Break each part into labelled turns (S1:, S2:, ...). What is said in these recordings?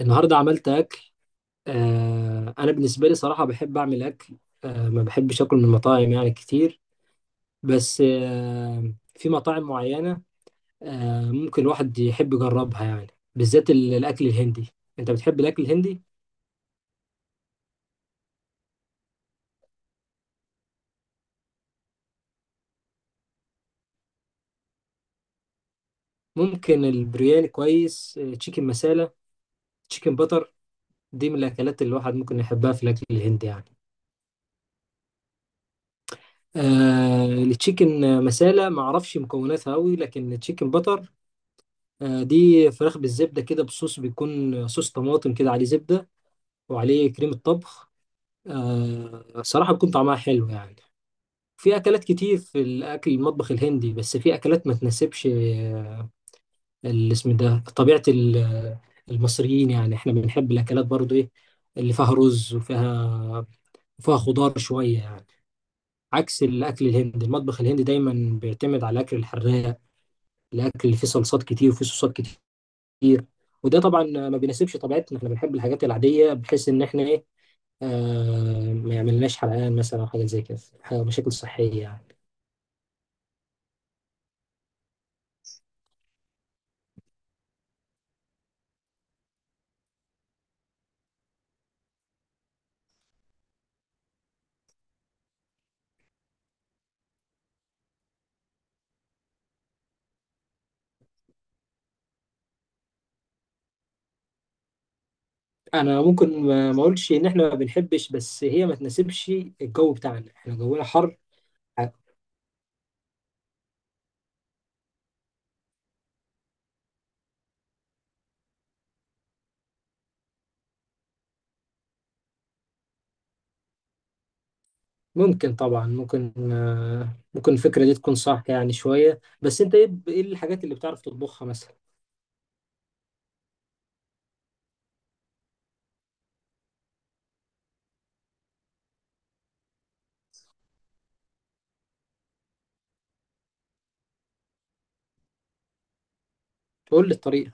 S1: النهارده عملت اكل. انا بالنسبه لي صراحه بحب اعمل اكل. ما بحبش اكل من المطاعم يعني كتير، بس في مطاعم معينه، ممكن الواحد يحب يجربها يعني، بالذات الاكل الهندي. انت بتحب الاكل الهندي؟ ممكن البرياني كويس، تشيكن مسالة، تشيكن بتر، دي من الاكلات اللي الواحد ممكن يحبها في الاكل الهندي يعني. التشيكن مسالة ما اعرفش مكوناتها قوي، لكن التشيكن بتر، دي فراخ بالزبدة كده بصوص، بيكون صوص طماطم كده عليه زبدة وعليه كريمة طبخ. صراحة بيكون طعمها حلو يعني. في أكلات كتير في الأكل المطبخ الهندي، بس في أكلات ما تناسبش الاسم ده، طبيعة المصريين يعني، إحنا بنحب الأكلات برضو إيه؟ اللي فيها رز وفيها وفيها خضار شوية يعني. عكس الأكل الهندي، المطبخ الهندي دايما بيعتمد على الأكل الحراق، الأكل اللي فيه صلصات كتير وفيه صوصات كتير. وده طبعا ما بيناسبش طبيعتنا، احنا بنحب الحاجات العاديه، بحيث ان احنا ايه، ما يعملناش حرقان مثلا او حاجه زي كده، مشاكل صحيه يعني. انا ممكن ما اقولش ان احنا ما بنحبش، بس هي ما تناسبش الجو بتاعنا، احنا جونا حر. ممكن طبعا ممكن آه، ممكن الفكره دي تكون صح يعني شويه، بس انت ايه، ايه الحاجات اللي بتعرف تطبخها مثلا؟ قول لي الطريقه.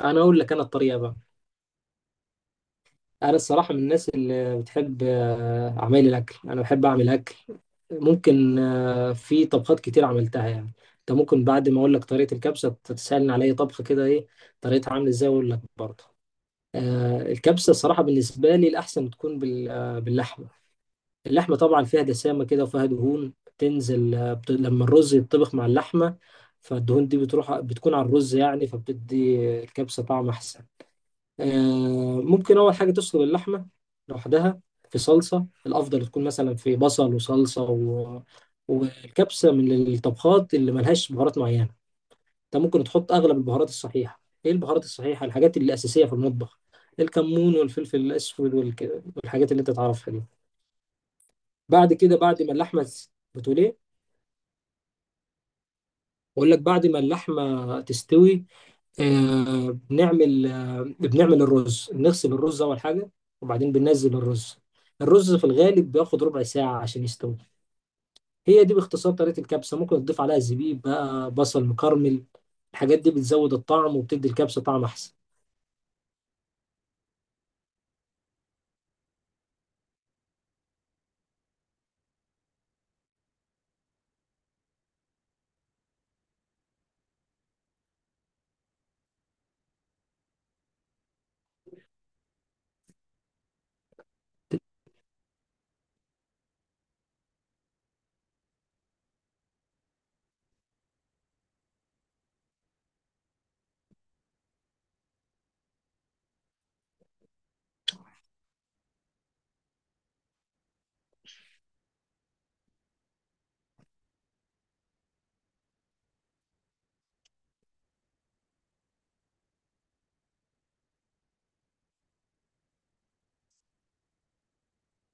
S1: انا اقول لك انا الطريقه بقى. انا الصراحه من الناس اللي بتحب اعمال الاكل، انا بحب اعمل اكل. ممكن في طبخات كتير عملتها يعني. انت ممكن بعد ما اقول لك طريقه الكبسه تسالني على اي طبخه كده، ايه طريقتها عامله ازاي، اقول لك برضه. الكبسه الصراحه بالنسبه لي الاحسن تكون باللحمه. اللحمه طبعا فيها دسامه كده وفيها دهون بتنزل، لما الرز يتطبخ مع اللحمه، فالدهون دي بتروح بتكون على الرز يعني، فبتدي الكبسه طعم احسن. ممكن أول حاجة تسلق اللحمة لوحدها في صلصة. الأفضل تكون مثلا في بصل وصلصة والكبسة من الطبخات اللي ملهاش بهارات معينة. أنت ممكن تحط أغلب البهارات الصحيحة. إيه البهارات الصحيحة؟ الحاجات اللي أساسية في المطبخ، الكمون والفلفل الأسود والحاجات اللي أنت تعرفها دي. بعد كده، بعد ما اللحمة. بتقول إيه؟ بقول لك بعد ما اللحمة تستوي، بنعمل الرز. بنغسل الرز أول حاجة، وبعدين بننزل الرز. الرز في الغالب بياخد ¼ ساعة عشان يستوي. هي دي باختصار طريقة الكبسة. ممكن تضيف عليها زبيب بقى، بصل مكرمل، الحاجات دي بتزود الطعم وبتدي الكبسة طعم أحسن.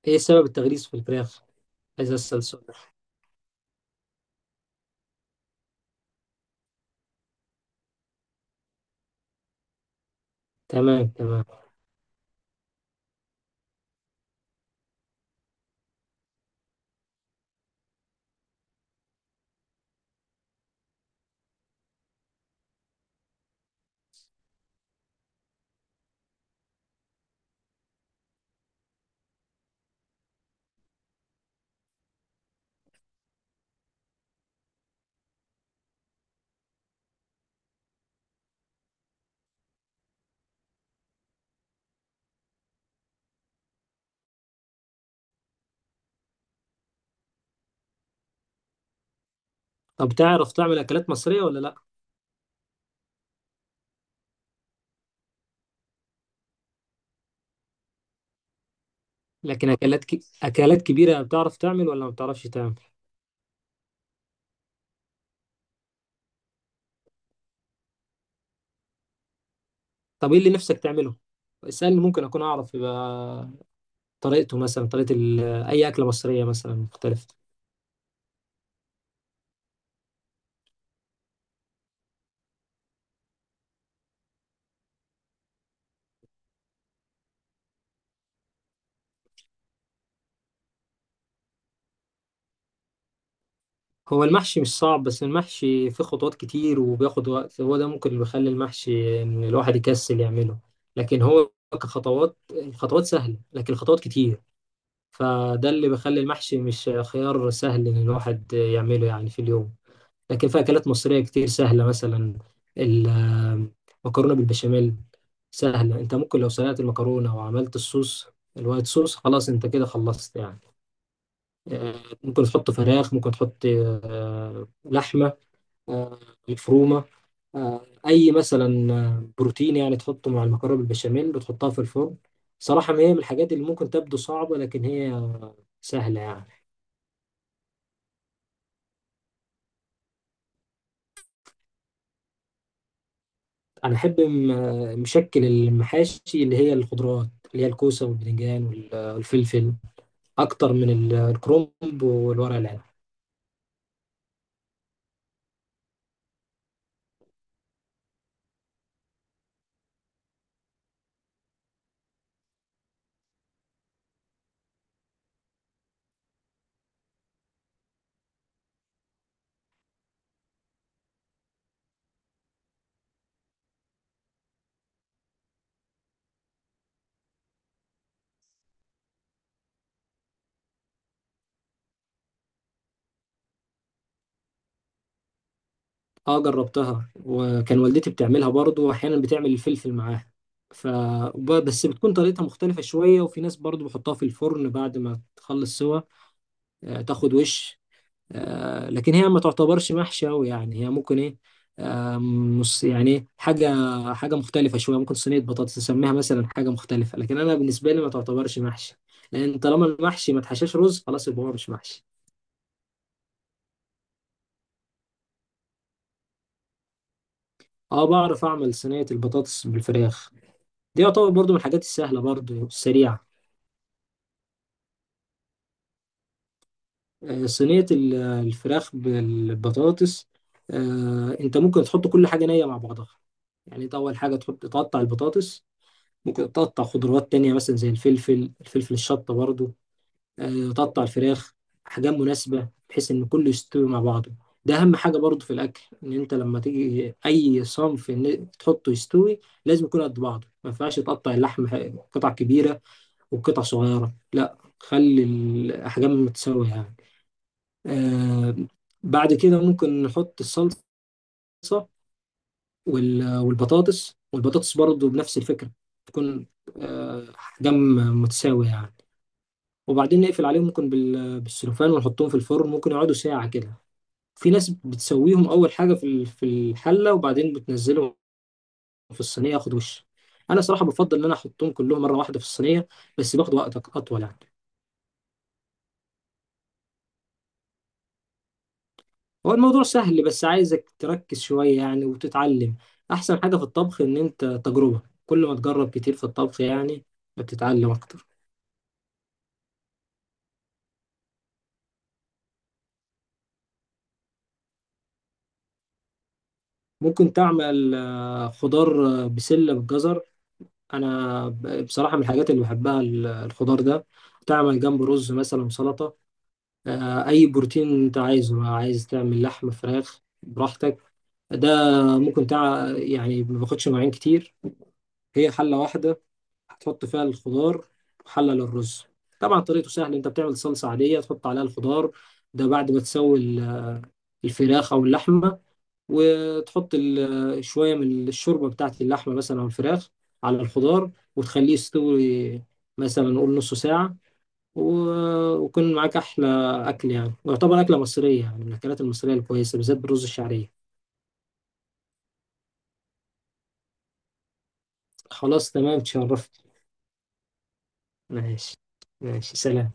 S1: إيه سبب التغليس في الفراخ؟ عايز أسأل سؤال. تمام تمام. طب تعرف تعمل أكلات مصرية ولا لأ؟ لكن أكلات أكلات كبيرة بتعرف تعمل ولا ما بتعرفش تعمل؟ طب إيه اللي نفسك تعمله؟ اسألني، ممكن أكون أعرف، يبقى طريقته مثلا، طريقة أي أكلة مصرية مثلا مختلفة. هو المحشي مش صعب، بس المحشي فيه خطوات كتير وبياخد وقت، هو ده ممكن اللي بيخلي المحشي إن الواحد يكسل يعمله. لكن هو كخطوات، الخطوات سهلة، لكن الخطوات كتير، فده اللي بيخلي المحشي مش خيار سهل إن الواحد يعمله يعني في اليوم. لكن في أكلات مصرية كتير سهلة، مثلا المكرونة بالبشاميل سهلة. أنت ممكن لو سلقت المكرونة وعملت الصوص، الوايت صوص، خلاص أنت كده خلصت يعني. آه، ممكن تحط فراخ، ممكن تحط لحمة، آه، مفرومة، آه، أي مثلا بروتين يعني تحطه مع المكرونة بالبشاميل وتحطها في الفرن. صراحة ما هي من الحاجات اللي ممكن تبدو صعبة، لكن هي سهلة يعني. أنا أحب مشكل المحاشي اللي هي الخضروات، اللي هي الكوسة والباذنجان والفلفل، أكتر من الكرنب والورق العنب. اه، جربتها، وكان والدتي بتعملها برضو، واحيانا بتعمل الفلفل معاها. ف بس بتكون طريقتها مختلفة شوية. وفي ناس برضو بحطها في الفرن بعد ما تخلص سوا، تاخد وش. لكن هي ما تعتبرش محشي أوي يعني، هي ممكن ايه، آه، مص يعني إيه، حاجة، حاجة مختلفة شوية. ممكن صينية بطاطس نسميها مثلا، حاجة مختلفة. لكن أنا بالنسبة لي ما تعتبرش محشي، لأن طالما المحشي ما تحشاش رز خلاص يبقى هو مش محشي. اه، بعرف أعمل صينية البطاطس بالفراخ. دي يعتبر برضو من الحاجات السهلة برضو السريعة. صينية الفراخ بالبطاطس، انت ممكن تحط كل حاجة نية مع بعضها. يعني انت اول حاجة تحط تقطع البطاطس، ممكن تقطع خضروات تانية مثلا زي الفلفل الشطة برضو. تقطع الفراخ احجام مناسبة بحيث ان كله يستوي مع بعضه. ده اهم حاجة برضو في الاكل، ان انت لما تيجي اي صنف ان تحطه يستوي لازم يكون قد بعضه، ما ينفعش تقطع اللحم قطع كبيرة وقطع صغيرة، لا خلي الأحجام متساوية يعني. آه بعد كده ممكن نحط الصلصة والبطاطس. والبطاطس برضو بنفس الفكرة، تكون أحجام متساوية يعني. وبعدين نقفل عليهم ممكن بالسلوفان ونحطهم في الفرن، ممكن يقعدوا ساعة كده. في ناس بتسويهم أول حاجة في في الحلة، وبعدين بتنزلهم في الصينية ياخد وش. أنا صراحة بفضل إن أنا أحطهم كلهم مرة واحدة في الصينية، بس باخد وقت أطول يعني. هو الموضوع سهل، بس عايزك تركز شوية يعني وتتعلم. أحسن حاجة في الطبخ إن أنت تجربة، كل ما تجرب كتير في الطبخ يعني بتتعلم أكتر. ممكن تعمل خضار، بسلة بالجزر. أنا بصراحة من الحاجات اللي بحبها الخضار ده، تعمل جنب رز مثلا، سلطة، أي بروتين أنت عايزه، عايز تعمل لحم فراخ براحتك. ده ممكن يعني ما باخدش مواعين كتير، هي حلة واحدة هتحط فيها الخضار وحلل الرز. طبعا طريقته سهلة، انت بتعمل صلصة عادية تحط عليها الخضار ده بعد ما تسوي الفراخ او اللحمة، وتحط شوية من الشوربة بتاعت اللحمة مثلا او الفراخ على الخضار وتخليه يستوي، مثلا نقول نص ساعة. ويكون معاك أحلى أكل يعني، ويعتبر أكلة مصرية يعني، من الأكلات المصرية الكويسة بالذات بالرز الشعرية. خلاص تمام، تشرفت. ماشي. ماشي، سلام.